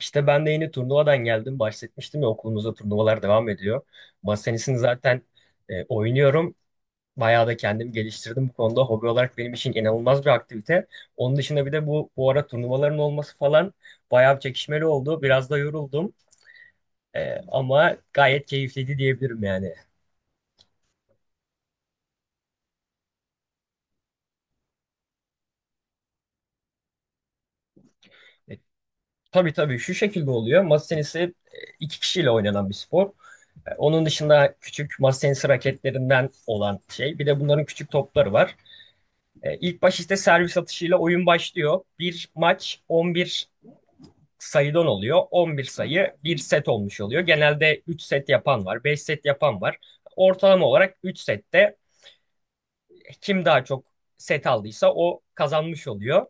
İşte ben de yeni turnuvadan geldim. Bahsetmiştim ya okulumuzda turnuvalar devam ediyor. Masa tenisini zaten oynuyorum. Bayağı da kendimi geliştirdim bu konuda. Hobi olarak benim için inanılmaz bir aktivite. Onun dışında bir de bu ara turnuvaların olması falan bayağı bir çekişmeli oldu. Biraz da yoruldum. Ama gayet keyifliydi diyebilirim yani. E, tabii tabii şu şekilde oluyor. Masa tenisi iki kişiyle oynanan bir spor. Onun dışında küçük masa tenisi raketlerinden olan şey. Bir de bunların küçük topları var. İlk baş işte servis atışıyla oyun başlıyor. Bir maç 11 sayıdan oluyor. 11 sayı bir set olmuş oluyor. Genelde 3 set yapan var, 5 set yapan var. Ortalama olarak 3 sette kim daha çok set aldıysa o kazanmış oluyor.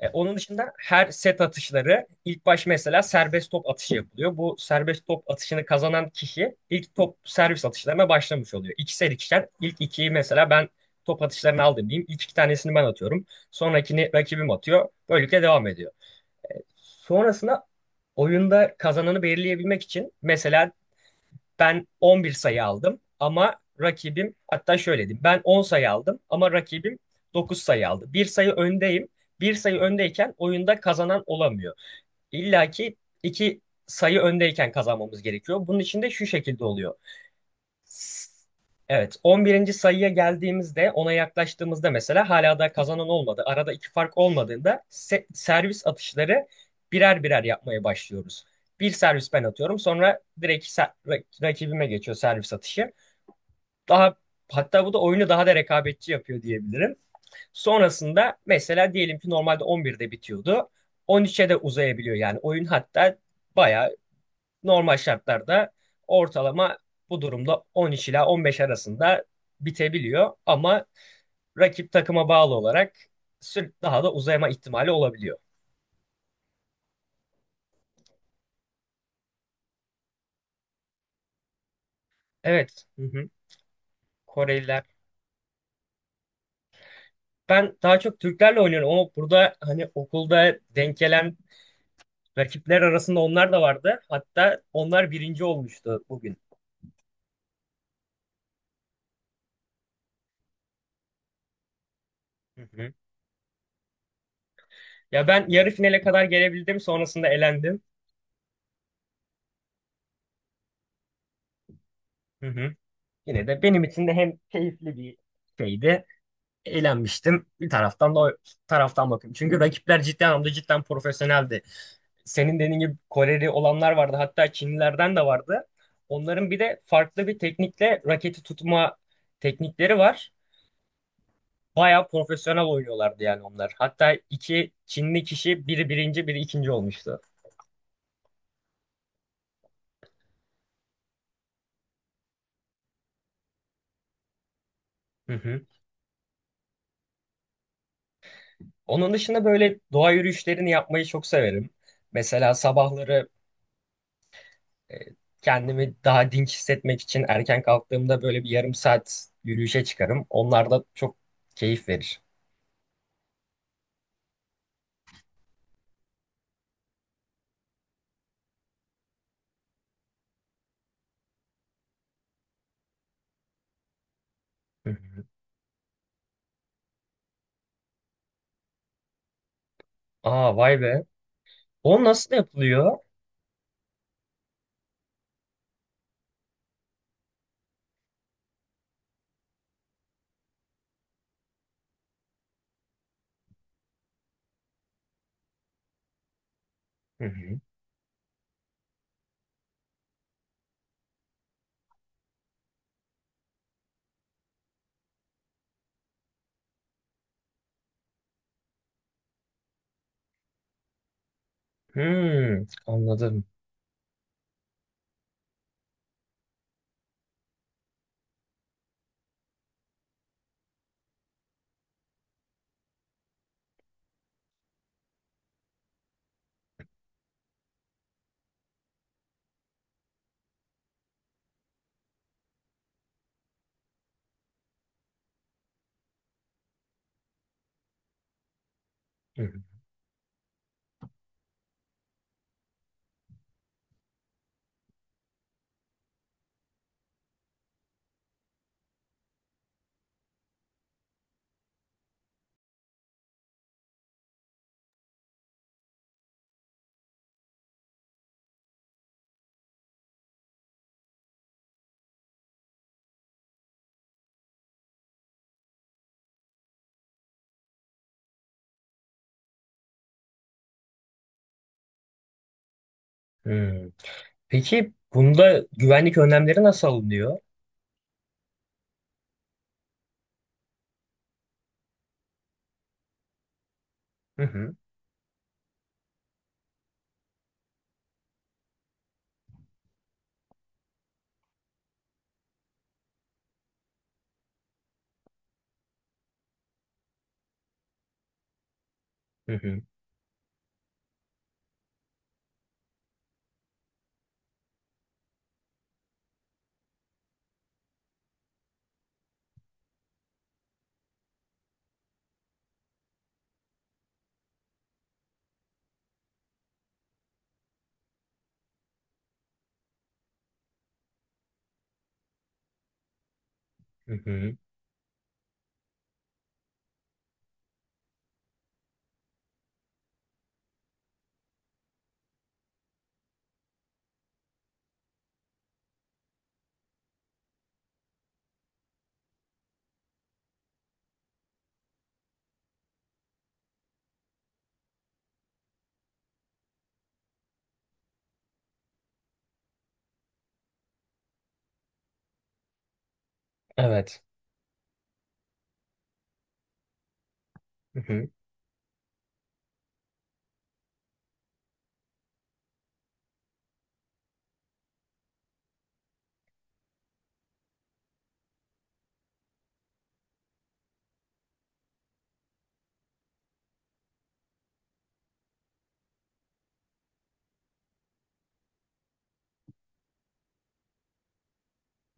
Onun dışında her set atışları ilk baş mesela serbest top atışı yapılıyor. Bu serbest top atışını kazanan kişi ilk top servis atışlarına başlamış oluyor. İkişer ikişer ilk ikiyi mesela ben top atışlarını aldım diyeyim. İlk iki tanesini ben atıyorum. Sonrakini rakibim atıyor. Böylelikle devam ediyor. Sonrasında oyunda kazananı belirleyebilmek için mesela ben 11 sayı aldım ama rakibim hatta şöyle diyeyim. Ben 10 sayı aldım ama rakibim 9 sayı aldı. Bir sayı öndeyim. Bir sayı öndeyken oyunda kazanan olamıyor. İlla ki iki sayı öndeyken kazanmamız gerekiyor. Bunun için de şu şekilde oluyor. Evet, 11'inci sayıya geldiğimizde, ona yaklaştığımızda mesela hala da kazanan olmadı. Arada iki fark olmadığında servis atışları birer birer yapmaya başlıyoruz. Bir servis ben atıyorum, sonra direkt rakibime geçiyor servis atışı. Daha hatta bu da oyunu daha da rekabetçi yapıyor diyebilirim. Sonrasında mesela diyelim ki normalde 11'de bitiyordu. 13'e de uzayabiliyor yani oyun, hatta bayağı. Normal şartlarda ortalama bu durumda 13 ila 15 arasında bitebiliyor ama rakip takıma bağlı olarak daha da uzayma ihtimali olabiliyor. Evet, hı hı. Koreliler. Ben daha çok Türklerle oynuyorum ama burada hani okulda denk gelen rakipler arasında onlar da vardı. Hatta onlar birinci olmuştu bugün. Hı hı. Ya ben yarı finale kadar gelebildim, sonrasında elendim. Hı hı. Yine de benim için de hem keyifli bir şeydi, eğlenmiştim. Bir taraftan da o taraftan bakıyorum. Çünkü rakipler ciddi anlamda cidden profesyoneldi. Senin dediğin gibi Koreli olanlar vardı. Hatta Çinlilerden de vardı. Onların bir de farklı bir teknikle raketi tutma teknikleri var. Bayağı profesyonel oynuyorlardı yani onlar. Hatta iki Çinli kişi biri birinci biri ikinci olmuştu. Hı hı. Onun dışında böyle doğa yürüyüşlerini yapmayı çok severim. Mesela sabahları e, kendimi daha dinç hissetmek için erken kalktığımda böyle bir yarım saat yürüyüşe çıkarım. Onlar da çok keyif verir. Hı hı. Aa, vay be. O nasıl yapılıyor? Hı hı. Hmm, anladım. Hı hı. Hmm. Peki bunda güvenlik önlemleri nasıl alınıyor? Hı hı. Hı hı. Hı hı. Evet. Hı hı.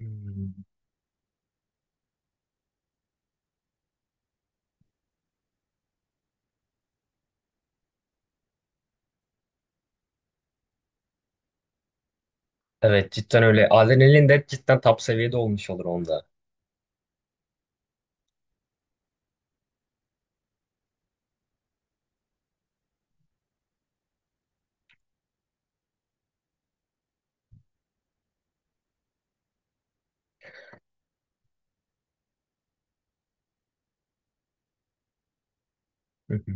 Hmm. Evet, cidden öyle. Adrenalin de cidden top seviyede olmuş olur onda. Hı hı.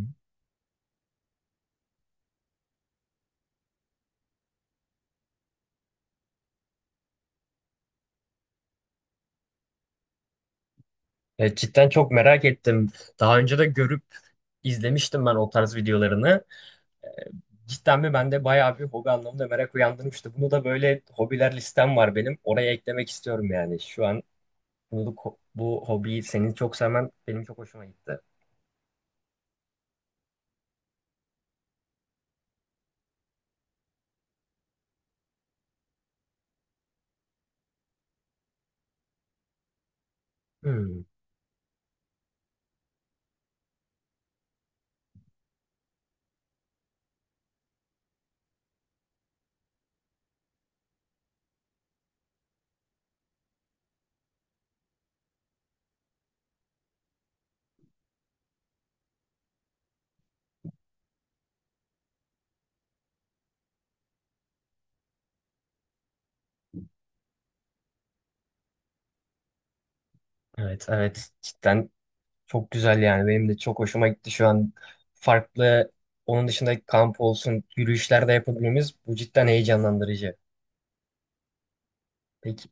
Cidden çok merak ettim. Daha önce de görüp izlemiştim ben o tarz videolarını. Cidden mi bende bayağı bir hobi anlamında merak uyandırmıştı. Bunu da böyle, hobiler listem var benim. Oraya eklemek istiyorum yani. Şu an bunu, bu hobiyi senin çok sevmen benim çok hoşuma gitti. Hmm. Evet evet, cidden çok güzel yani. Benim de çok hoşuma gitti şu an. Farklı onun dışında kamp olsun, yürüyüşler de yapabilmemiz bu cidden heyecanlandırıcı. Peki.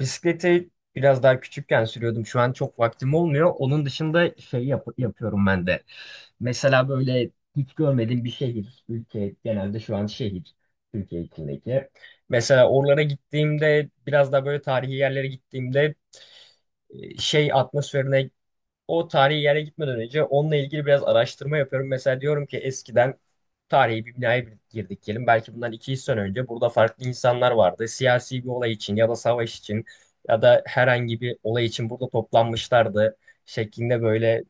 Bisikleti biraz daha küçükken sürüyordum. Şu an çok vaktim olmuyor. Onun dışında şey yapıyorum ben de. Mesela böyle hiç görmediğim bir şehir, ülke, genelde şu an şehir, Türkiye içindeki. Mesela oralara gittiğimde, biraz daha böyle tarihi yerlere gittiğimde şey atmosferine, o tarihi yere gitmeden önce onunla ilgili biraz araştırma yapıyorum. Mesela diyorum ki eskiden tarihi bir binaya girdik diyelim. Belki bundan 200 sene önce burada farklı insanlar vardı. Siyasi bir olay için ya da savaş için ya da herhangi bir olay için burada toplanmışlardı şeklinde, böyle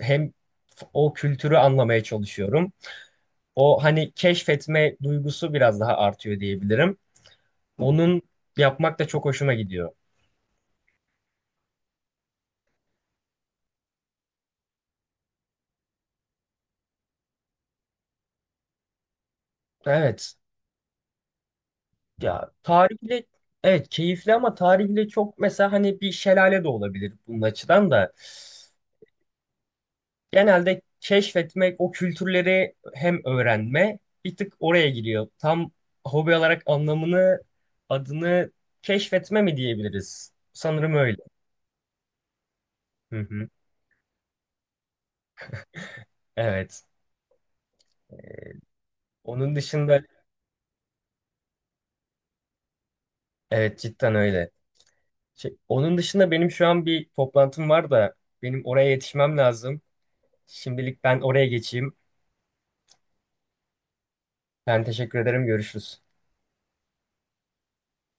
hem o kültürü anlamaya çalışıyorum. O hani keşfetme duygusu biraz daha artıyor diyebilirim. Onun yapmak da çok hoşuma gidiyor. Evet. Ya tarihle, evet keyifli ama tarihle çok mesela hani bir şelale de olabilir bunun açıdan da. Genelde keşfetmek, o kültürleri hem öğrenme bir tık oraya giriyor. Tam hobi olarak anlamını, adını keşfetme mi diyebiliriz? Sanırım öyle. Hı hı. Evet. Onun dışında evet, cidden öyle. Şey, onun dışında benim şu an bir toplantım var da benim oraya yetişmem lazım. Şimdilik ben oraya geçeyim. Ben teşekkür ederim. Görüşürüz.